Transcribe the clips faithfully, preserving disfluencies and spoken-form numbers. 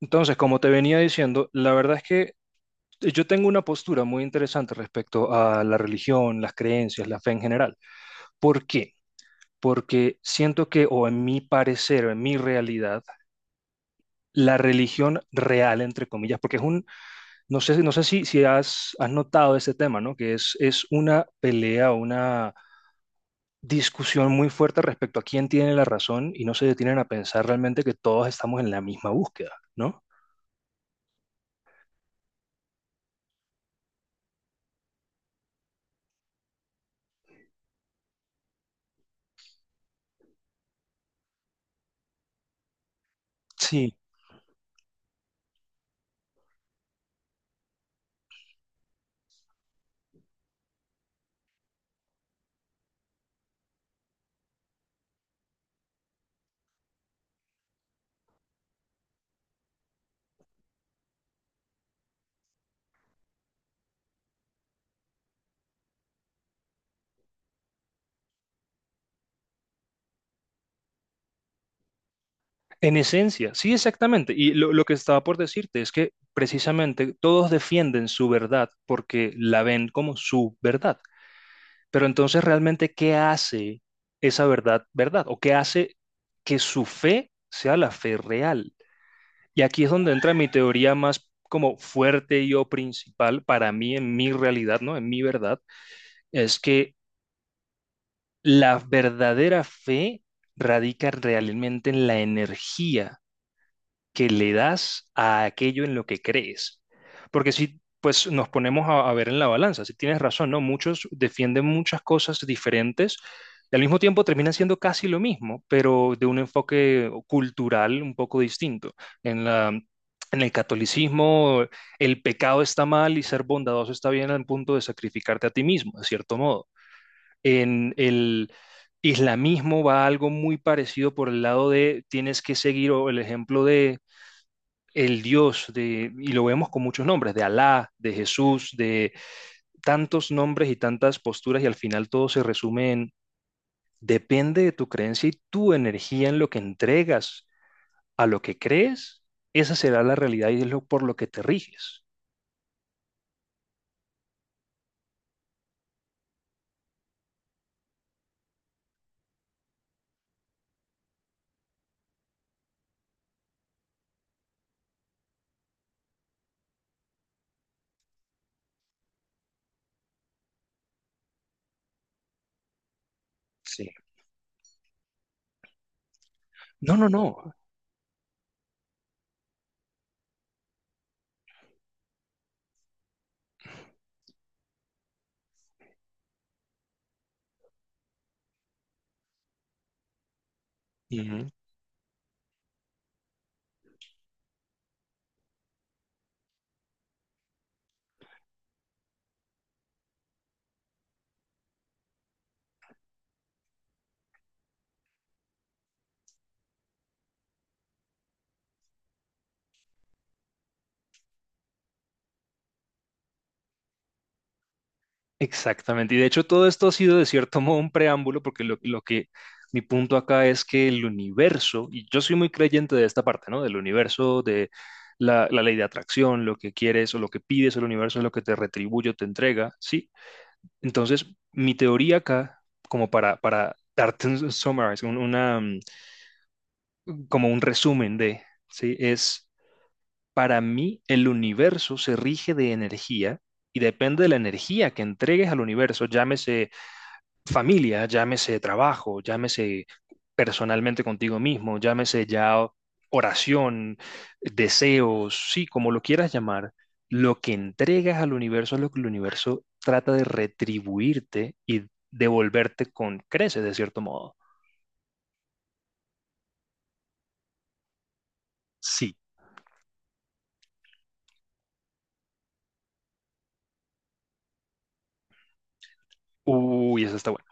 Entonces, como te venía diciendo, la verdad es que yo tengo una postura muy interesante respecto a la religión, las creencias, la fe en general. ¿Por qué? Porque siento que, o en mi parecer, o en mi realidad, la religión real, entre comillas, porque es un, no sé, no sé si, si has, has notado ese tema, ¿no? Que es, es una pelea, una discusión muy fuerte respecto a quién tiene la razón y no se detienen a pensar realmente que todos estamos en la misma búsqueda, ¿no? Sí. En esencia, sí, exactamente. Y lo, lo que estaba por decirte es que precisamente todos defienden su verdad porque la ven como su verdad. Pero entonces, realmente, ¿qué hace esa verdad verdad? ¿O qué hace que su fe sea la fe real? Y aquí es donde entra mi teoría más como fuerte y o principal para mí en mi realidad, ¿no? En mi verdad, es que la verdadera fe radica realmente en la energía que le das a aquello en lo que crees. Porque si pues nos ponemos a, a ver en la balanza, si tienes razón, ¿no? Muchos defienden muchas cosas diferentes y al mismo tiempo terminan siendo casi lo mismo, pero de un enfoque cultural un poco distinto. En la, en el catolicismo, el pecado está mal y ser bondadoso está bien al punto de sacrificarte a ti mismo, de cierto modo. En el islamismo va algo muy parecido por el lado de tienes que seguir o el ejemplo de el Dios, de, y lo vemos con muchos nombres, de Alá, de Jesús, de tantos nombres y tantas posturas, y al final todo se resume en, depende de tu creencia y tu energía en lo que entregas a lo que crees, esa será la realidad y es lo por lo que te riges. Sí. No, no, no. Uh -huh. Exactamente. Y de hecho todo esto ha sido de cierto modo un preámbulo porque lo, lo que mi punto acá es que el universo, y yo soy muy creyente de esta parte, ¿no? Del universo, de la, la ley de atracción, lo que quieres o lo que pides, el universo es lo que te retribuye o te entrega, ¿sí? Entonces, mi teoría acá, como para, para darte un summarize, un- una, mm, como un resumen de, ¿sí? Es, para mí, el universo se rige de energía y depende de la energía que entregues al universo, llámese familia, llámese trabajo, llámese personalmente contigo mismo, llámese ya oración, deseos, sí, como lo quieras llamar, lo que entregas al universo es lo que el universo trata de retribuirte y devolverte con creces, de cierto modo. Sí. Uy, eso está bueno.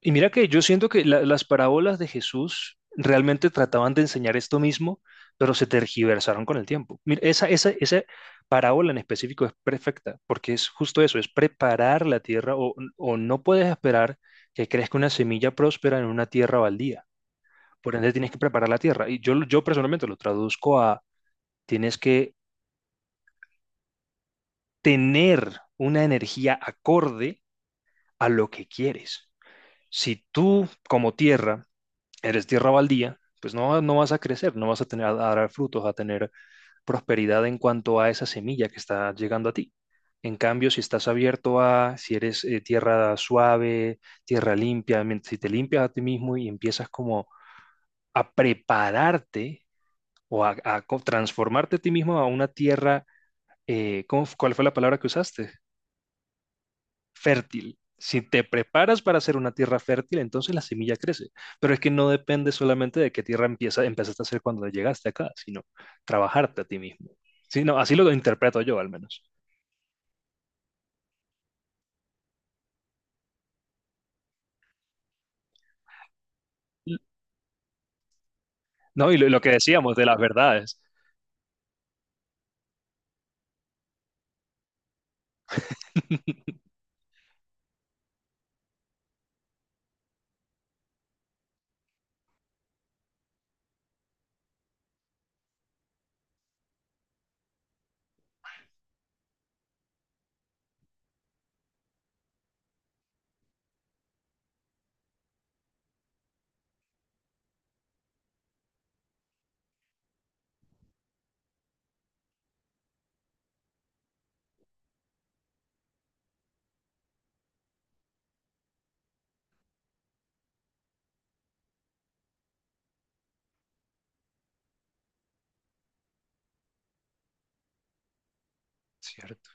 Y mira que yo siento que la- las parábolas de Jesús realmente trataban de enseñar esto mismo, pero se tergiversaron con el tiempo. Mira, esa, esa, esa parábola en específico es perfecta, porque es justo eso, es preparar la tierra o, o no puedes esperar que crezca una semilla próspera en una tierra baldía. Por ende, tienes que preparar la tierra. Y yo, lo- yo personalmente lo traduzco a tienes que tener una energía acorde a lo que quieres. Si tú como tierra eres tierra baldía, pues no, no vas a crecer, no vas a tener a dar frutos, a tener prosperidad en cuanto a esa semilla que está llegando a ti. En cambio, si estás abierto a, si eres eh, tierra suave, tierra limpia, mien- si te limpias a ti mismo y empiezas como a prepararte o a, a co- transformarte a ti mismo a una tierra, eh, ¿cómo f- ¿cuál fue la palabra que usaste? Fértil. Si te preparas para hacer una tierra fértil, entonces la semilla crece. Pero es que no depende solamente de qué tierra empieza, empezaste a hacer cuando llegaste acá, sino trabajarte a ti mismo. Sí, no, así lo interpreto yo al menos. No, y lo, lo que decíamos de las verdades. Cierto.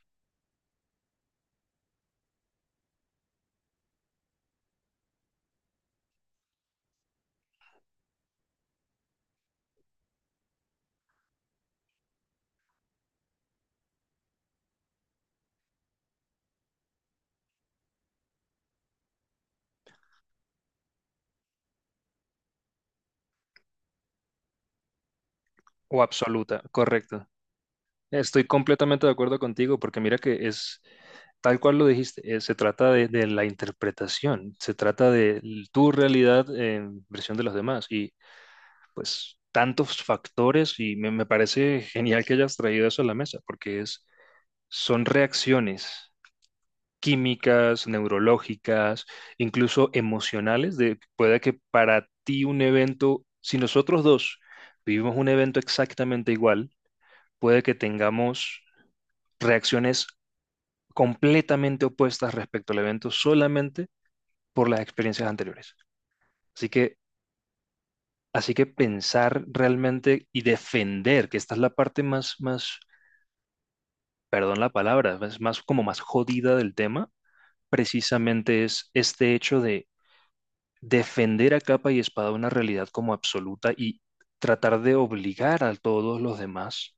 O absoluta, correcto. Estoy completamente de acuerdo contigo porque mira que es tal cual lo dijiste, eh, se trata de, de la interpretación, se trata de l- tu realidad en versión de los demás. Y pues tantos factores y me, me parece genial que hayas traído eso a la mesa, porque es, son reacciones químicas, neurológicas, incluso emocionales, de puede que para ti un evento, si nosotros dos vivimos un evento exactamente igual, puede que tengamos reacciones completamente opuestas respecto al evento solamente por las experiencias anteriores. Así que, así que pensar realmente y defender, que esta es la parte más, más perdón la palabra, es más como más jodida del tema, precisamente es este hecho de defender a capa y espada una realidad como absoluta y tratar de obligar a todos los demás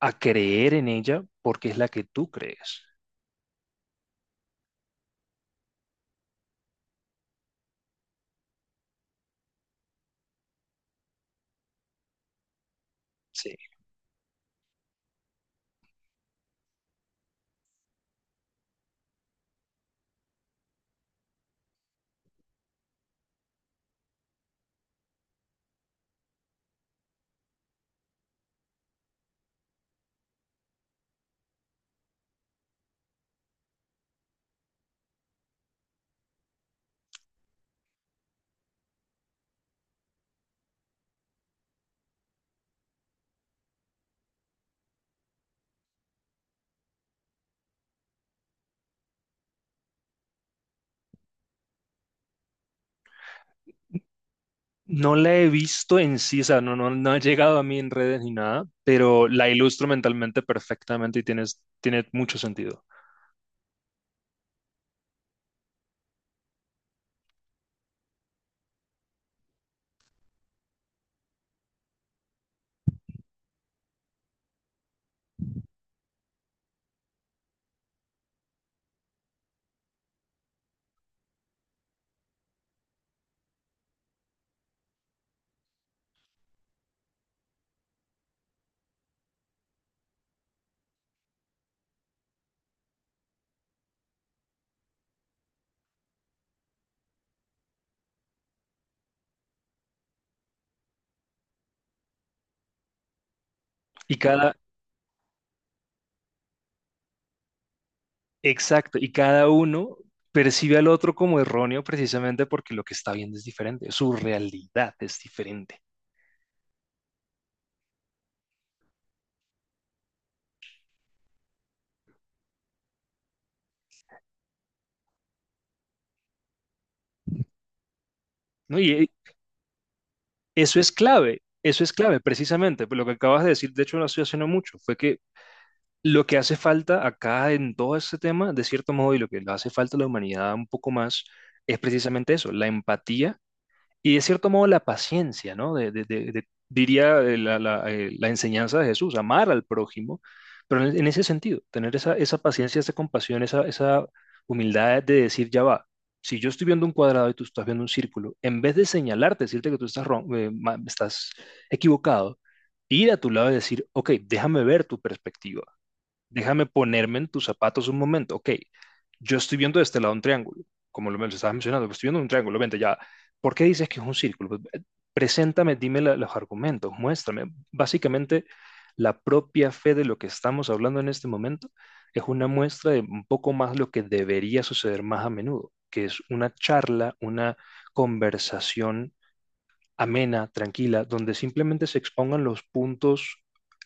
a creer en ella porque es la que tú crees. Sí. No la he visto en sí, o sea, no, no, no ha llegado a mí en redes ni nada, pero la ilustro mentalmente perfectamente y tienes, tiene mucho sentido. Y cada, Exacto, y cada uno percibe al otro como erróneo precisamente porque lo que está viendo es diferente, su realidad es diferente, ¿no? Y eh, eso es clave, eso es clave precisamente, pero lo que acabas de decir, de hecho lo estoy haciendo mucho, fue que lo que hace falta acá en todo este tema, de cierto modo, y lo que le hace falta a la humanidad un poco más, es precisamente eso, la empatía. Y de cierto modo la paciencia, ¿no? De, de- de- de- diría eh, la, la, eh, la enseñanza de Jesús, amar al prójimo, pero en, en ese sentido, tener esa, esa paciencia, esa compasión, esa, esa humildad de decir, ya va, si yo estoy viendo un cuadrado y tú estás viendo un círculo, en vez de señalarte, decirte que tú estás, ron- eh, ma- estás equivocado, ir a tu lado y decir, ok, déjame ver tu perspectiva. Déjame ponerme en tus zapatos un momento. Ok, yo estoy viendo de este lado un triángulo, como lo me lo estabas mencionando, pero estoy viendo un triángulo. Vente ya. ¿Por qué dices que es un círculo? Pues, eh, preséntame, dime la- los argumentos, muéstrame. Básicamente, la propia fe de lo que estamos hablando en este momento es una muestra de un poco más lo que debería suceder más a menudo, que es una charla, una conversación amena, tranquila, donde simplemente se expongan los puntos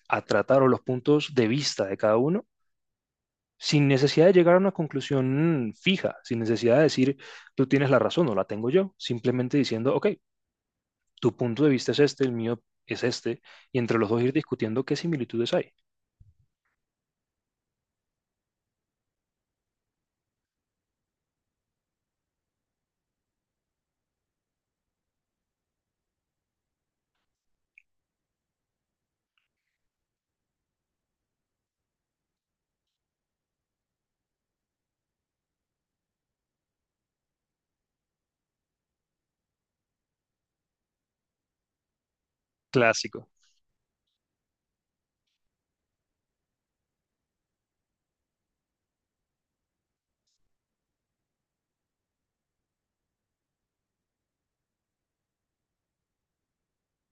a tratar o los puntos de vista de cada uno sin necesidad de llegar a una conclusión fija, sin necesidad de decir, tú tienes la razón o la tengo yo, simplemente diciendo, ok, tu punto de vista es este, el mío es este, y entre los dos ir discutiendo qué similitudes hay. Clásico.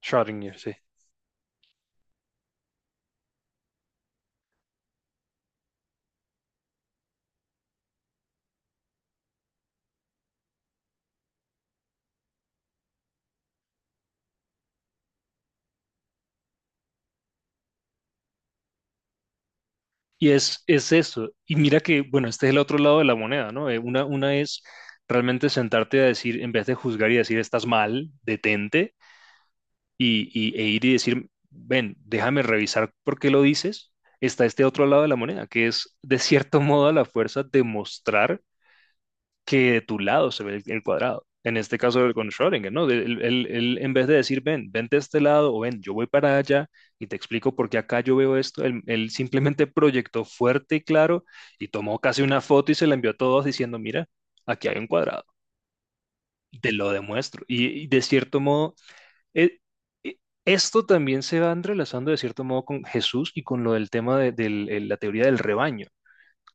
Schrödinger, sí. Y es, es eso. Y mira que, bueno, este es el otro lado de la moneda, ¿no? Eh, Una, una es realmente sentarte a decir, en vez de juzgar y decir, estás mal, detente, y, y- e ir y decir, ven, déjame revisar por qué lo dices, está este otro lado de la moneda, que es de cierto modo a la fuerza demostrar que de tu lado se ve el, el cuadrado. En este caso con Schrödinger, ¿no? De- Él, él- él, en vez de decir, ven, vente de este lado o ven, yo voy para allá y te explico por qué acá yo veo esto, él, él simplemente proyectó fuerte y claro y tomó casi una foto y se la envió a todos diciendo, mira, aquí hay un cuadrado, te lo demuestro. y y de cierto modo eh, eh, esto también se va entrelazando de cierto modo con Jesús y con lo del tema de, del- el- la teoría del rebaño.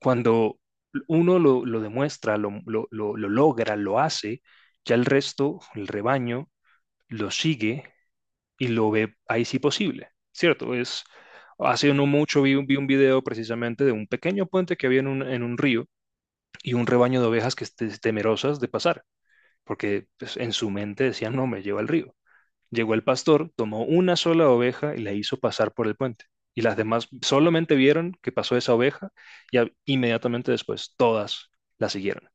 Cuando uno lo, lo demuestra, lo, lo- lo- lo logra, lo hace, ya el resto, el rebaño, lo sigue y lo ve ahí sí posible, ¿cierto? Es, hace no mucho vi, un- vi un video precisamente de un pequeño puente que había en un, en un río y un rebaño de ovejas que esté temerosas de pasar, porque pues, en su mente decían, no, me lleva al río. Llegó el pastor, tomó una sola oveja y la hizo pasar por el puente. Y las demás solamente vieron que pasó esa oveja y a- inmediatamente después todas la siguieron.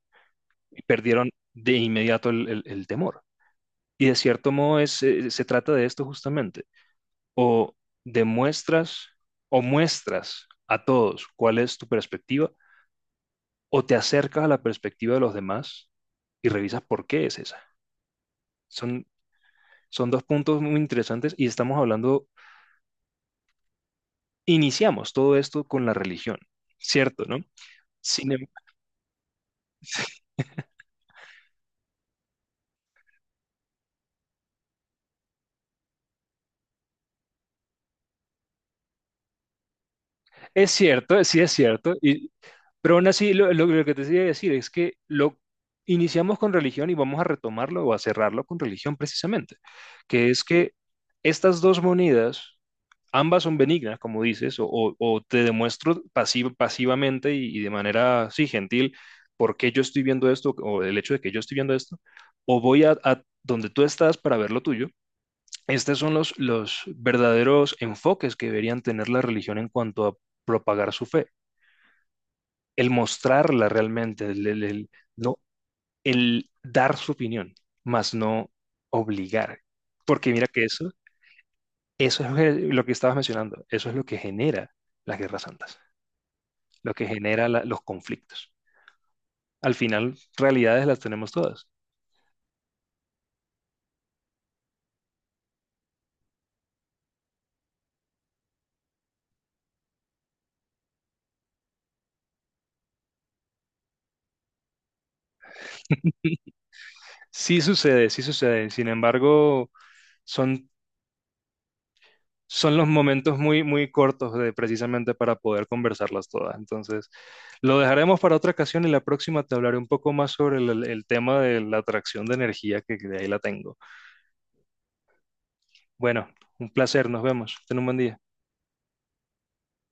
Y perdieron de inmediato el, el- el temor. Y de cierto modo es, eh, se trata de esto justamente. O demuestras o muestras a todos cuál es tu perspectiva o te acercas a la perspectiva de los demás y revisas por qué es esa. Son, son dos puntos muy interesantes y estamos hablando iniciamos todo esto con la religión, ¿cierto, no? Sin em- Es cierto, sí es cierto, y, pero aún así lo, lo- lo que te quería decir es que lo iniciamos con religión y vamos a retomarlo o a cerrarlo con religión precisamente, que es que estas dos monedas, ambas son benignas, como dices, o, o- o te demuestro pasiv- pasivamente y, y de manera, sí, gentil, por qué yo estoy viendo esto o el hecho de que yo estoy viendo esto, o voy a a donde tú estás para ver lo tuyo. Estos son los, los verdaderos enfoques que deberían tener la religión en cuanto a propagar su fe, el mostrarla realmente, el, el- el- no, el dar su opinión, más no obligar. Porque mira que eso, eso es el- lo que estabas mencionando, eso es lo que genera las guerras santas, lo que genera la- los conflictos. Al final, realidades las tenemos todas. Sí sucede, sí sucede. Sin embargo, son son los momentos muy, muy cortos de, precisamente para poder conversarlas todas. Entonces, lo dejaremos para otra ocasión y la próxima te hablaré un poco más sobre el, el tema de la atracción de energía, que de ahí la tengo. Bueno, un placer, nos vemos. Ten un buen día.